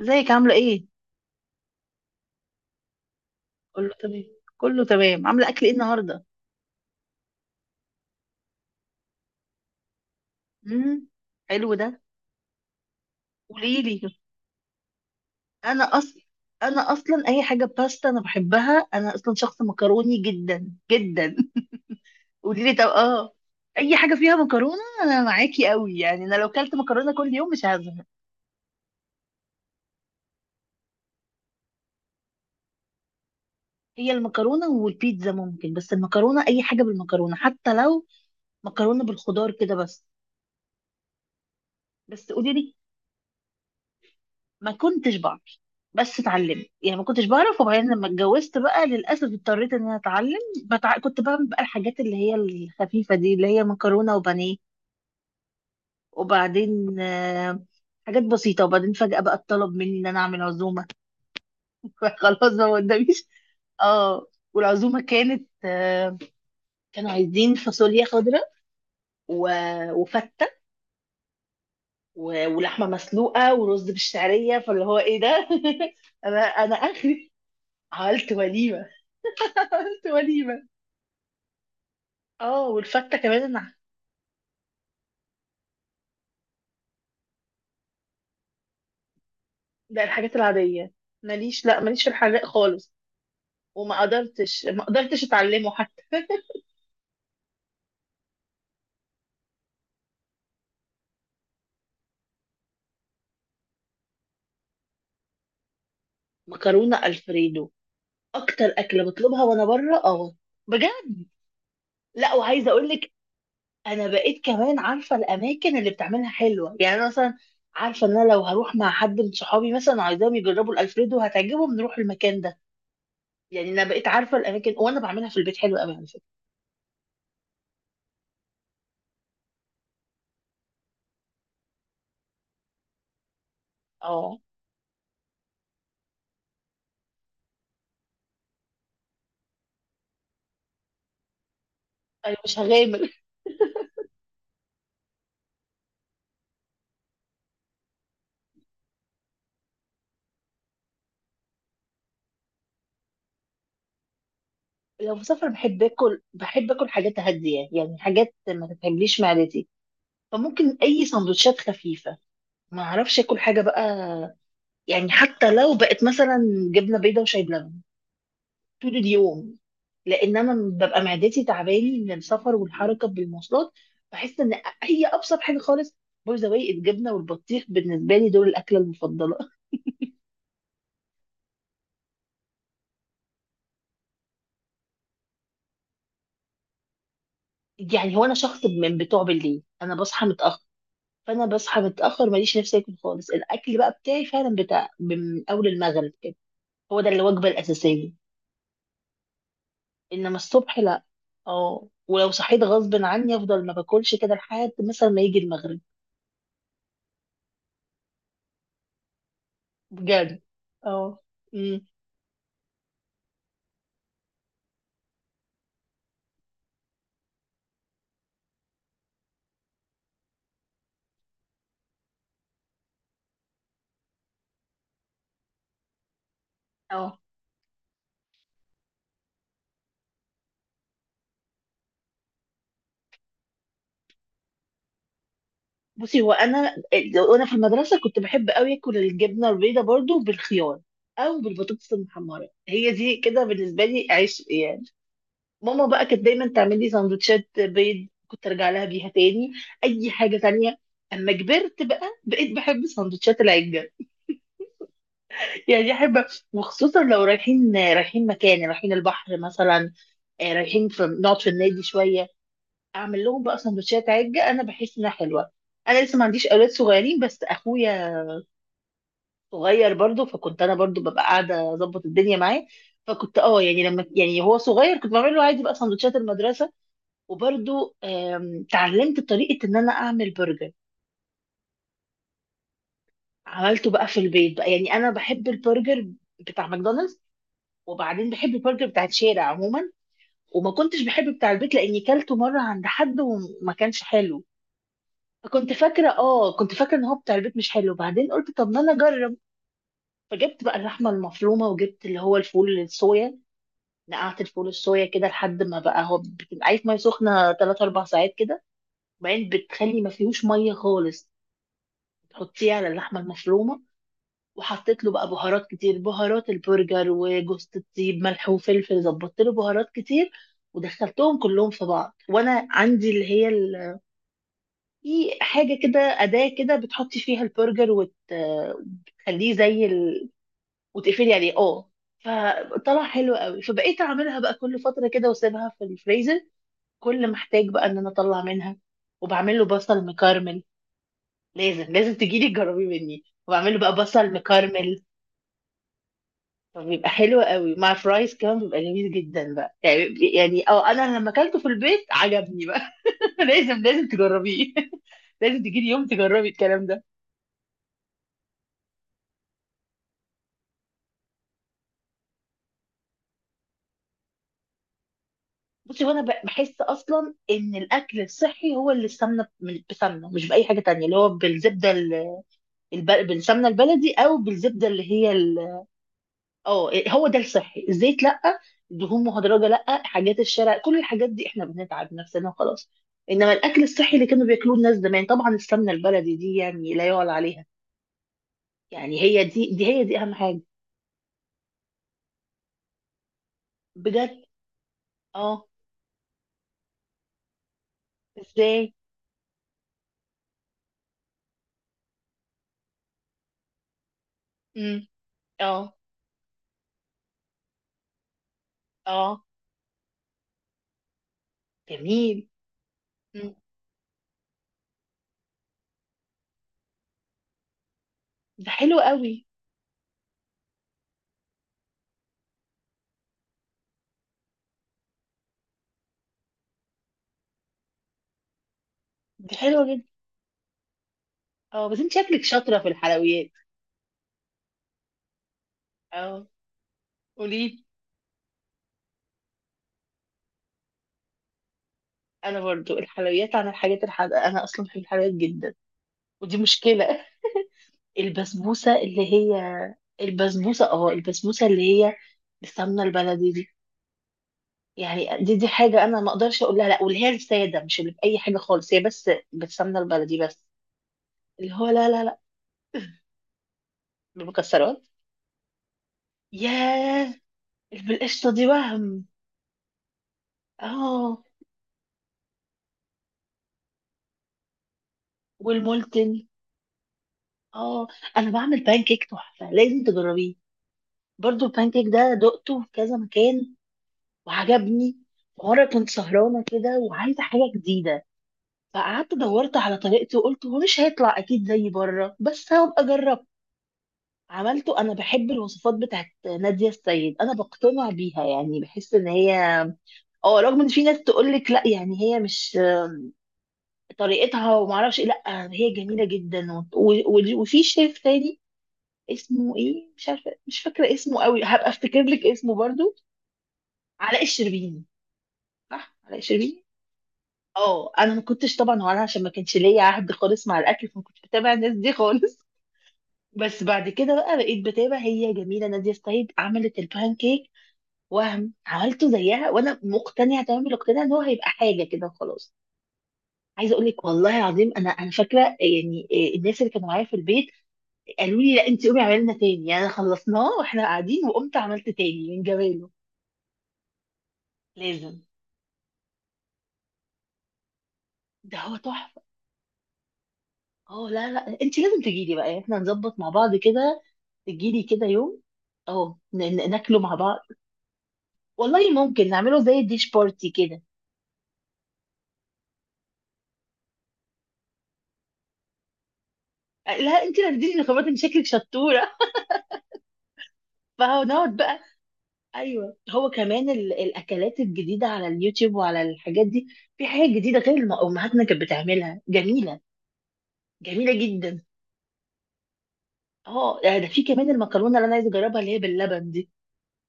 ازيك عامله ايه؟ اقول له تمام. كله تمام، عامله اكل ايه النهارده؟ امم. حلو ده. قولي لي. انا اصلا انا اصلا اي حاجه باستا انا بحبها، انا اصلا شخص مكروني جدا جدا. قولي لي طب اه. اي حاجه فيها مكرونه انا معاكي قوي، يعني انا لو كلت مكرونه كل يوم مش هزهق. هي المكرونه والبيتزا ممكن، بس المكرونه اي حاجه بالمكرونه، حتى لو مكرونه بالخضار كده بس. بس قولي لي. ما كنتش بعرف. بس اتعلمت يعني، ما كنتش بعرف، وبعدين لما اتجوزت بقى للاسف اضطريت ان انا اتعلم. كنت بعمل بقى الحاجات اللي هي الخفيفه دي، اللي هي مكرونه وبانيه، وبعدين حاجات بسيطه، وبعدين فجاه بقى اتطلب مني ان انا اعمل عزومه. خلاص ما قداميش. اه، والعزومه كانت كانوا عايزين فاصوليا خضراء و... وفته و... ولحمه مسلوقه ورز بالشعريه، فاللي هو ايه ده؟ انا اخري. عملت وليمه، عملت وليمة. اه والفتة كمان ده الحاجات العادية. ماليش، لا ماليش في الحراق خالص. وما قدرتش ما قدرتش اتعلمه حتى. مكرونة الفريدو، اكتر اكلة بطلبها وانا بره، اه. بجد. لا، وعايزة اقول لك: انا بقيت كمان عارفة الاماكن اللي بتعملها حلوة، يعني أنا مثلا عارفة ان انا لو هروح مع حد من صحابي مثلا عايزاهم يجربوا الالفريدو هتعجبهم، نروح المكان ده. يعني انا بقيت عارفة الاماكن، وانا بعملها في البيت حلوة قوي على فكرة. اه. انا مش هغامر. لو بسافر بحب اكل، حاجات هاديه، يعني حاجات ما تتعبليش معدتي. فممكن اي سندوتشات خفيفه. ما اعرفش اكل حاجه بقى. يعني حتى لو بقت مثلا جبنه بيضاء وشاي بلبن طول اليوم. لان انا ببقى معدتي تعباني من السفر والحركه بالمواصلات. بحس ان هي ابسط حاجه خالص. باي ذا واي، الجبنه والبطيخ بالنسبه لي دول الاكله المفضله. يعني هو انا شخص من بتوع بالليل، انا بصحى متاخر. فانا بصحى متاخر ماليش نفسي اكل خالص، الاكل بقى بتاعي فعلا بتاع من اول المغرب كده. هو ده الوجبه الاساسيه. انما الصبح لا. اه، ولو صحيت غصب عني افضل ما باكلش كده لحد مثلا ما يجي المغرب. بجد. اه. امم. اه. بصي هو انا، وانا في المدرسه كنت بحب قوي اكل الجبنه البيضاء برضو بالخيار او بالبطاطس المحمره، هي دي كده بالنسبه لي عيش يعني. ماما بقى كانت دايما تعمل لي سندوتشات بيض، كنت ارجع لها بيها تاني. اي حاجه تانية. اما كبرت بقى بقيت بحب سندوتشات العجه. يعني احب. وخصوصا لو رايحين مكان، رايحين البحر مثلا، رايحين، في نقعد في النادي شويه. اعمل لهم بقى سندوتشات عجه، انا بحس انها حلوه. انا لسه ما عنديش اولاد صغيرين بس اخويا صغير برضه، فكنت انا برضه ببقى قاعده اظبط الدنيا معاه. فكنت اه، يعني لما هو صغير كنت بعمل له عادي بقى سندوتشات المدرسه. وبرضو اتعلمت طريقة ان انا اعمل برجر. عملته بقى في البيت بقى، يعني انا بحب البرجر بتاع ماكدونالدز، وبعدين بحب البرجر بتاع الشارع عموما. وما كنتش بحب بتاع البيت لاني كلته مرة عند حد وما كانش حلو. فكنت فاكرة اه، كنت فاكرة ان هو بتاع البيت مش حلو، بعدين قلت طب ما انا اجرب. فجبت بقى اللحمة المفرومة، وجبت اللي هو الفول الصويا. نقعت الفول الصويا كده لحد ما بقى هو بتبقى عايز ميه سخنه 3 4 ساعات كده. وبعدين بتخلي ما فيهوش ميه خالص. تحطيه على اللحمه المفرومه. وحطيت له بقى بهارات كتير، بهارات البرجر وجوز الطيب ملح وفلفل، ظبطت له بهارات كتير. ودخلتهم كلهم في بعض، وانا عندي اللي هي في حاجه كده اداه كده بتحطي فيها البرجر وتخليه زي وتقفلي عليه اه. فطلع حلو قوي، فبقيت اعملها بقى كل فتره كده واسيبها في الفريزر، كل ما احتاج بقى ان انا اطلع منها. وبعمل له بصل مكرمل. لازم لازم تجيلي تجربي مني، وبعمل له بقى بصل مكرمل. فبيبقى حلو قوي مع فرايز كمان، بيبقى جميل جدا بقى، يعني اه انا لما اكلته في البيت عجبني بقى. لازم لازم تجربيه. لازم تجيلي يوم تجربي الكلام ده. بصي وانا بحس اصلا ان الاكل الصحي هو اللي السمنه بسمنه مش باي حاجه تانية، اللي هو بالزبده بالسمنه البلدي او بالزبده اللي هي اه، هو ده الصحي، الزيت لا. دهون مهدرجه لا، حاجات الشارع كل الحاجات دي احنا بنتعب نفسنا وخلاص. انما الاكل الصحي اللي كانوا بياكلوه الناس زمان طبعا، السمنه البلدي دي يعني لا يعلى عليها. يعني هي دي، اهم حاجه. بجد. اه. ازاي. امم. اه. اه. جميل. مم. ده حلو قوي. ده حلو جدا. اه بس انت شكلك شاطره في الحلويات. اه. قولي. انا برضو الحلويات عن الحاجات الحادقه، انا اصلا بحب الحلويات جدا. ودي مشكله. البسبوسة اللي هي البسبوسة اللي هي السمنة البلدي دي، يعني دي حاجة أنا ما أقدرش أقول لها لأ، واللي هي السادة مش اللي بأي حاجة خالص، هي بس بالسمنة البلدي بس. اللي هو لا لا لا. بالمكسرات. ياه. اللي بالقشطة دي وهم. اه. والمولتن. اه. أنا بعمل بانكيك تحفة لازم تجربيه. برضو البانكيك ده دقته في كذا مكان وعجبني. مرة كنت سهرانة كده وعايزة حاجة جديدة، فقعدت دورت على طريقتي، وقلت هو مش هيطلع اكيد زي بره بس هبقى اجرب. عملته، انا بحب الوصفات بتاعت نادية السيد، انا بقتنع بيها يعني، بحس ان هي اه رغم ان في ناس تقول لك لا، يعني هي مش طريقتها، وما اعرفش لا هي جميلة جدا وفي شيف تاني. اسمه ايه مش عارفه، مش فاكره اسمه قوي، هبقى افتكر لك اسمه برضو. علاء الشربيني. صح علاء الشربيني. اه، انا ما كنتش طبعا، وانا عشان ما كانش ليا عهد خالص مع الاكل، فما كنتش بتابع الناس دي خالص. بس بعد كده بقى بقيت بتابع، هي جميله ناديه السيد، عملت البان كيك، وهم عملته زيها وانا مقتنعه تمام الاقتناع ان هو هيبقى حاجه كده وخلاص. عايزه اقول لك، والله العظيم انا فاكره، يعني الناس اللي كانوا معايا في البيت قالوا لي لا انت قومي اعملي لنا تاني، يعني خلصناه واحنا قاعدين، وقمت عملت تاني من جماله. لازم. ده هو تحفه. اه لا لا انت لازم تجي لي بقى، يعني احنا نظبط مع بعض كده. تجي لي كده يوم اه ناكله مع بعض. والله ممكن نعمله زي الديش بارتي كده. لا انت اللي هتديني خبرات، انت شكلك شطوره. فهنقعد بقى. ايوه، هو كمان الاكلات الجديده على اليوتيوب وعلى الحاجات دي. في حاجات جديده غير اللي امهاتنا كانت بتعملها، جميله. جميله جدا. اه ده في كمان المكرونه اللي انا عايزه اجربها اللي هي باللبن دي،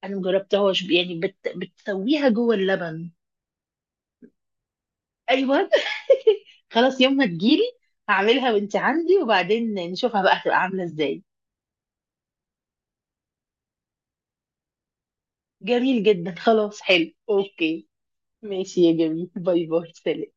انا مجربتهاش، يعني بتسويها جوه اللبن. ايوه. خلاص يوم ما تجيلي هعملها وانت عندي، وبعدين نشوفها بقى هتبقى عامله ازاي. جميل جدا، خلاص حلو، اوكي. ماشي يا جميل، باي باي، سلام.